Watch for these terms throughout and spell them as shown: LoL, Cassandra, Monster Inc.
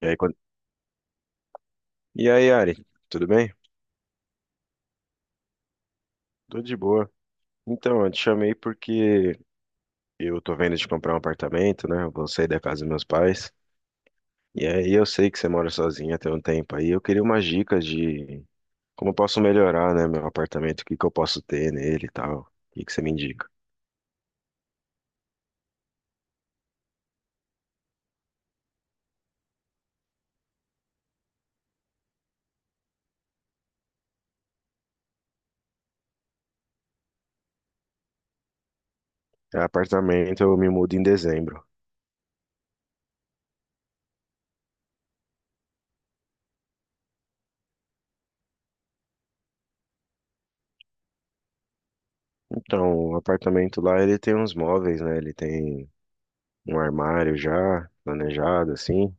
E aí, quando... Ari, tudo bem? Tudo de boa. Então, eu te chamei porque eu tô vendo de comprar um apartamento, né? Eu vou sair da casa dos meus pais. E aí eu sei que você mora sozinha tem um tempo aí. Eu queria umas dicas de como eu posso melhorar, né, meu apartamento, o que que eu posso ter nele e tal. O que que você me indica? É, apartamento, eu me mudo em dezembro. Então, o apartamento lá, ele tem uns móveis, né? Ele tem um armário já planejado, assim.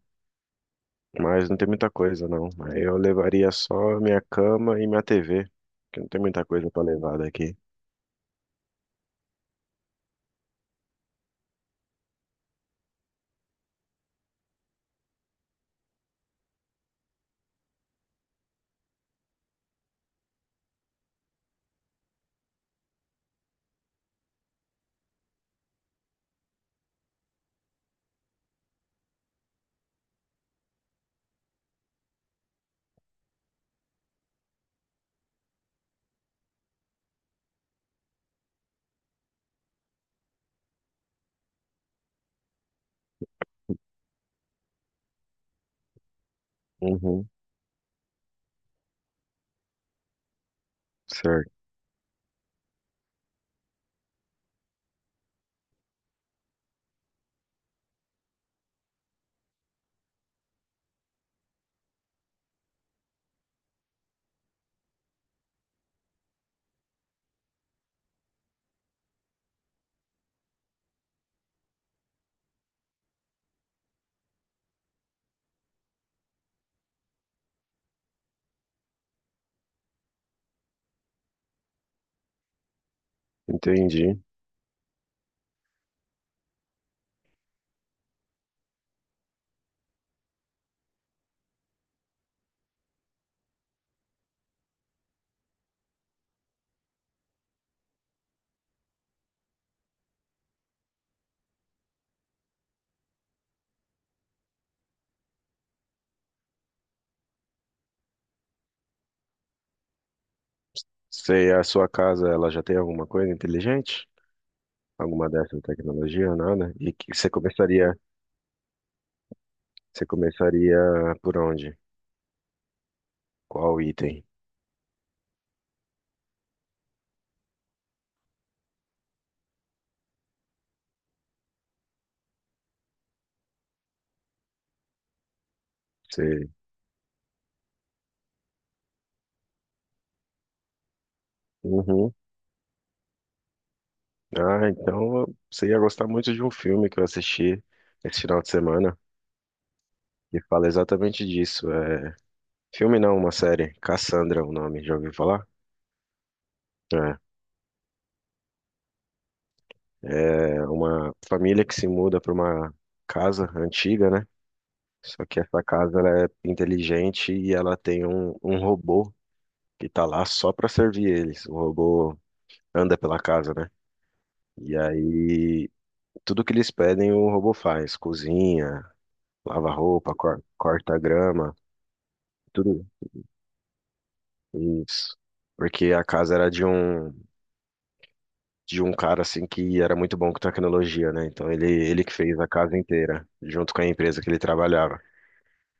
Mas não tem muita coisa, não. Aí eu levaria só minha cama e minha TV, que não tem muita coisa pra levar daqui. Uhum, certo. Entendi. Se a sua casa, ela já tem alguma coisa inteligente? Alguma dessas tecnologia, nada? E que você começaria por onde? Qual item? Você... Uhum. Ah, então você ia gostar muito de um filme que eu assisti esse final de semana, que fala exatamente disso. Filme não, uma série. Cassandra, é o nome, já ouviu falar? É, é uma família que se muda para uma casa antiga, né? Só que essa casa ela é inteligente e ela tem um robô que tá lá só para servir eles. O robô anda pela casa, né? E aí tudo que eles pedem o robô faz, cozinha, lava roupa, corta grama, tudo isso. Porque a casa era de um cara assim que era muito bom com tecnologia, né? Então ele que fez a casa inteira, junto com a empresa que ele trabalhava.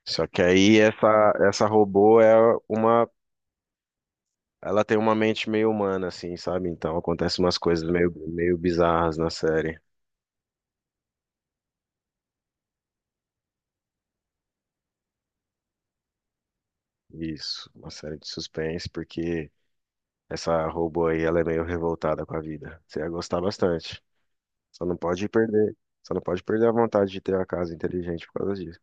Só que aí essa robô é uma, ela tem uma mente meio humana assim, sabe? Então acontece umas coisas meio bizarras na série. Isso, uma série de suspense porque essa robô aí ela é meio revoltada com a vida. Você ia gostar bastante. Só não pode perder, só não pode perder a vontade de ter a casa inteligente por causa disso.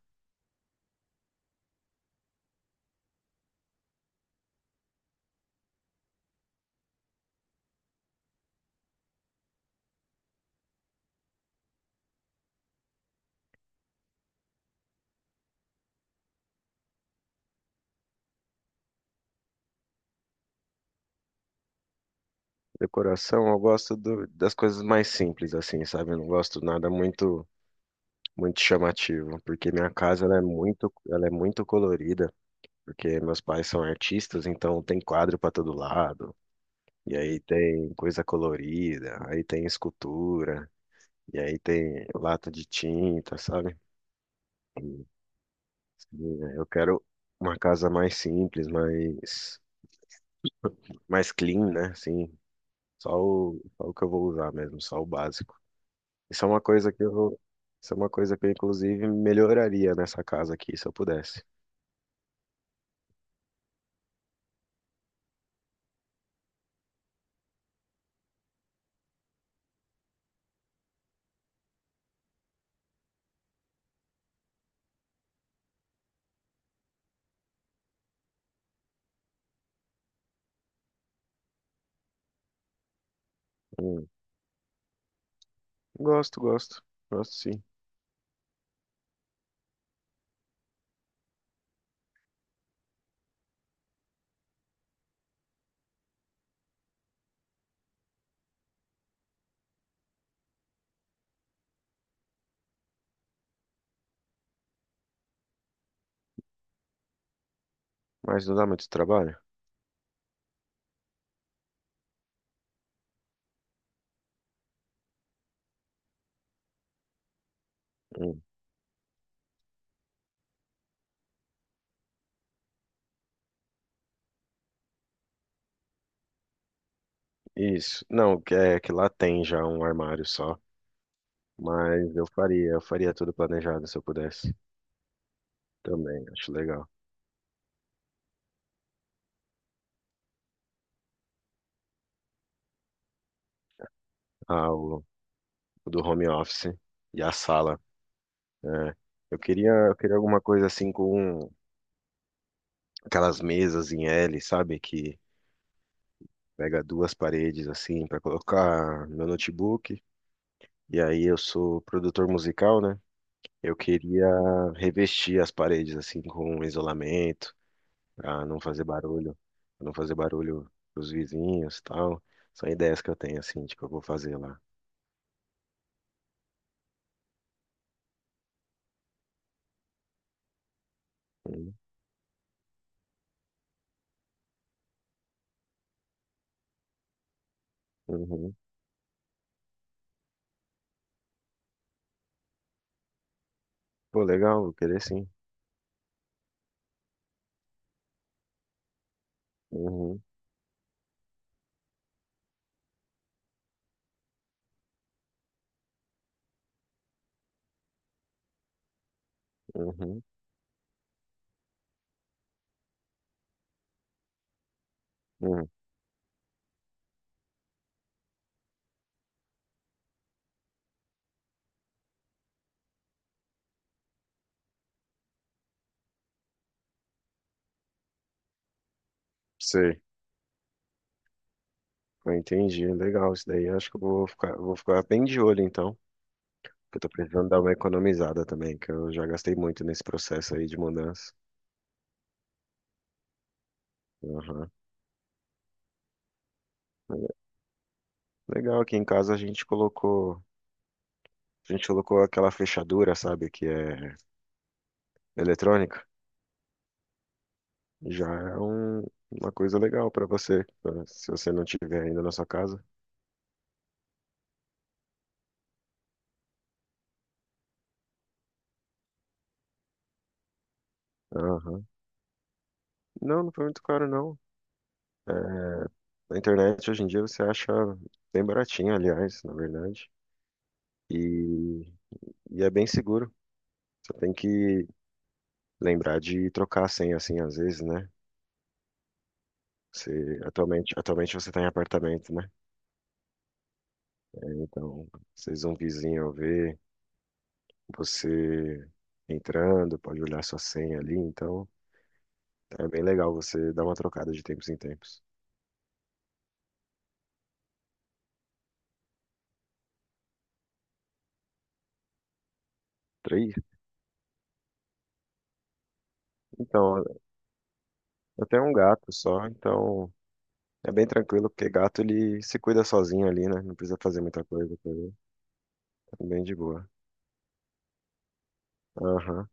Decoração, eu gosto do- das coisas mais simples assim, sabe? Eu não gosto nada muito muito chamativo, porque minha casa ela é muito colorida. Porque meus pais são artistas, então tem quadro para todo lado, e aí tem coisa colorida, aí tem escultura, e aí tem lata de tinta, sabe? E, assim, né, eu quero uma casa mais simples, mais, mais clean, né? Assim, só o que eu vou usar mesmo, só o básico. Isso é uma coisa que eu, isso é uma coisa que eu, inclusive, melhoraria nessa casa aqui, se eu pudesse. Hum, Gosto, gosto, gosto sim. Mas não dá muito trabalho? Hum. Isso. Não, que- é que lá tem já um armário só, mas eu faria tudo planejado se eu pudesse. Também, acho legal. Ah, o do home office e a sala. É. Eu queria alguma coisa assim com aquelas mesas em L, sabe? Que pega duas paredes assim para colocar meu notebook. E aí eu sou produtor musical, né? Eu queria revestir as paredes assim com isolamento. Para não fazer barulho, pros vizinhos, e tal. São ideias que eu tenho assim de que eu vou fazer lá. Hum, Uhum. Pô, legal, vou querer sim. Uhum, uhum, uhum. Sei, eu entendi, legal isso daí. Acho que eu vou ficar bem de olho então, que eu tô precisando dar uma economizada também, que eu já gastei muito nesse processo aí de mudança. Uhum. Legal, aqui em casa a gente colocou aquela fechadura, sabe, que é eletrônica. Já é uma coisa legal pra você, né? Se você não tiver ainda na sua casa. Aham. Não, não foi muito caro, não. É, na internet, hoje em dia, você acha bem baratinho, aliás, na verdade. E, é bem seguro. Você tem que lembrar de trocar a senha, assim, às vezes, né? Você, atualmente, atualmente você está em apartamento, né? É, então, às um vizinho ver você entrando, pode olhar sua senha ali. Então, é bem legal você dar uma trocada de tempos em tempos. Três. Então, eu tenho um gato só, então é bem tranquilo, porque gato ele se cuida sozinho ali, né? Não precisa fazer muita coisa com ele. É, bem de boa. Aham,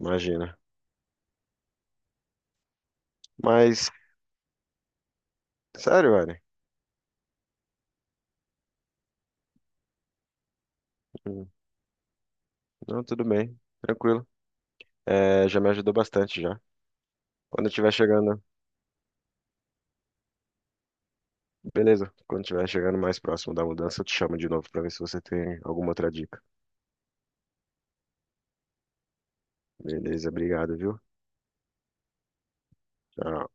imagina. Mas, sério, velho. Hum, não, tudo bem, tranquilo. É, já me ajudou bastante já. Quando eu estiver chegando, beleza. Quando eu estiver chegando mais próximo da mudança, eu te chamo de novo pra ver se você tem alguma outra dica. Beleza, obrigado, viu? Tchau.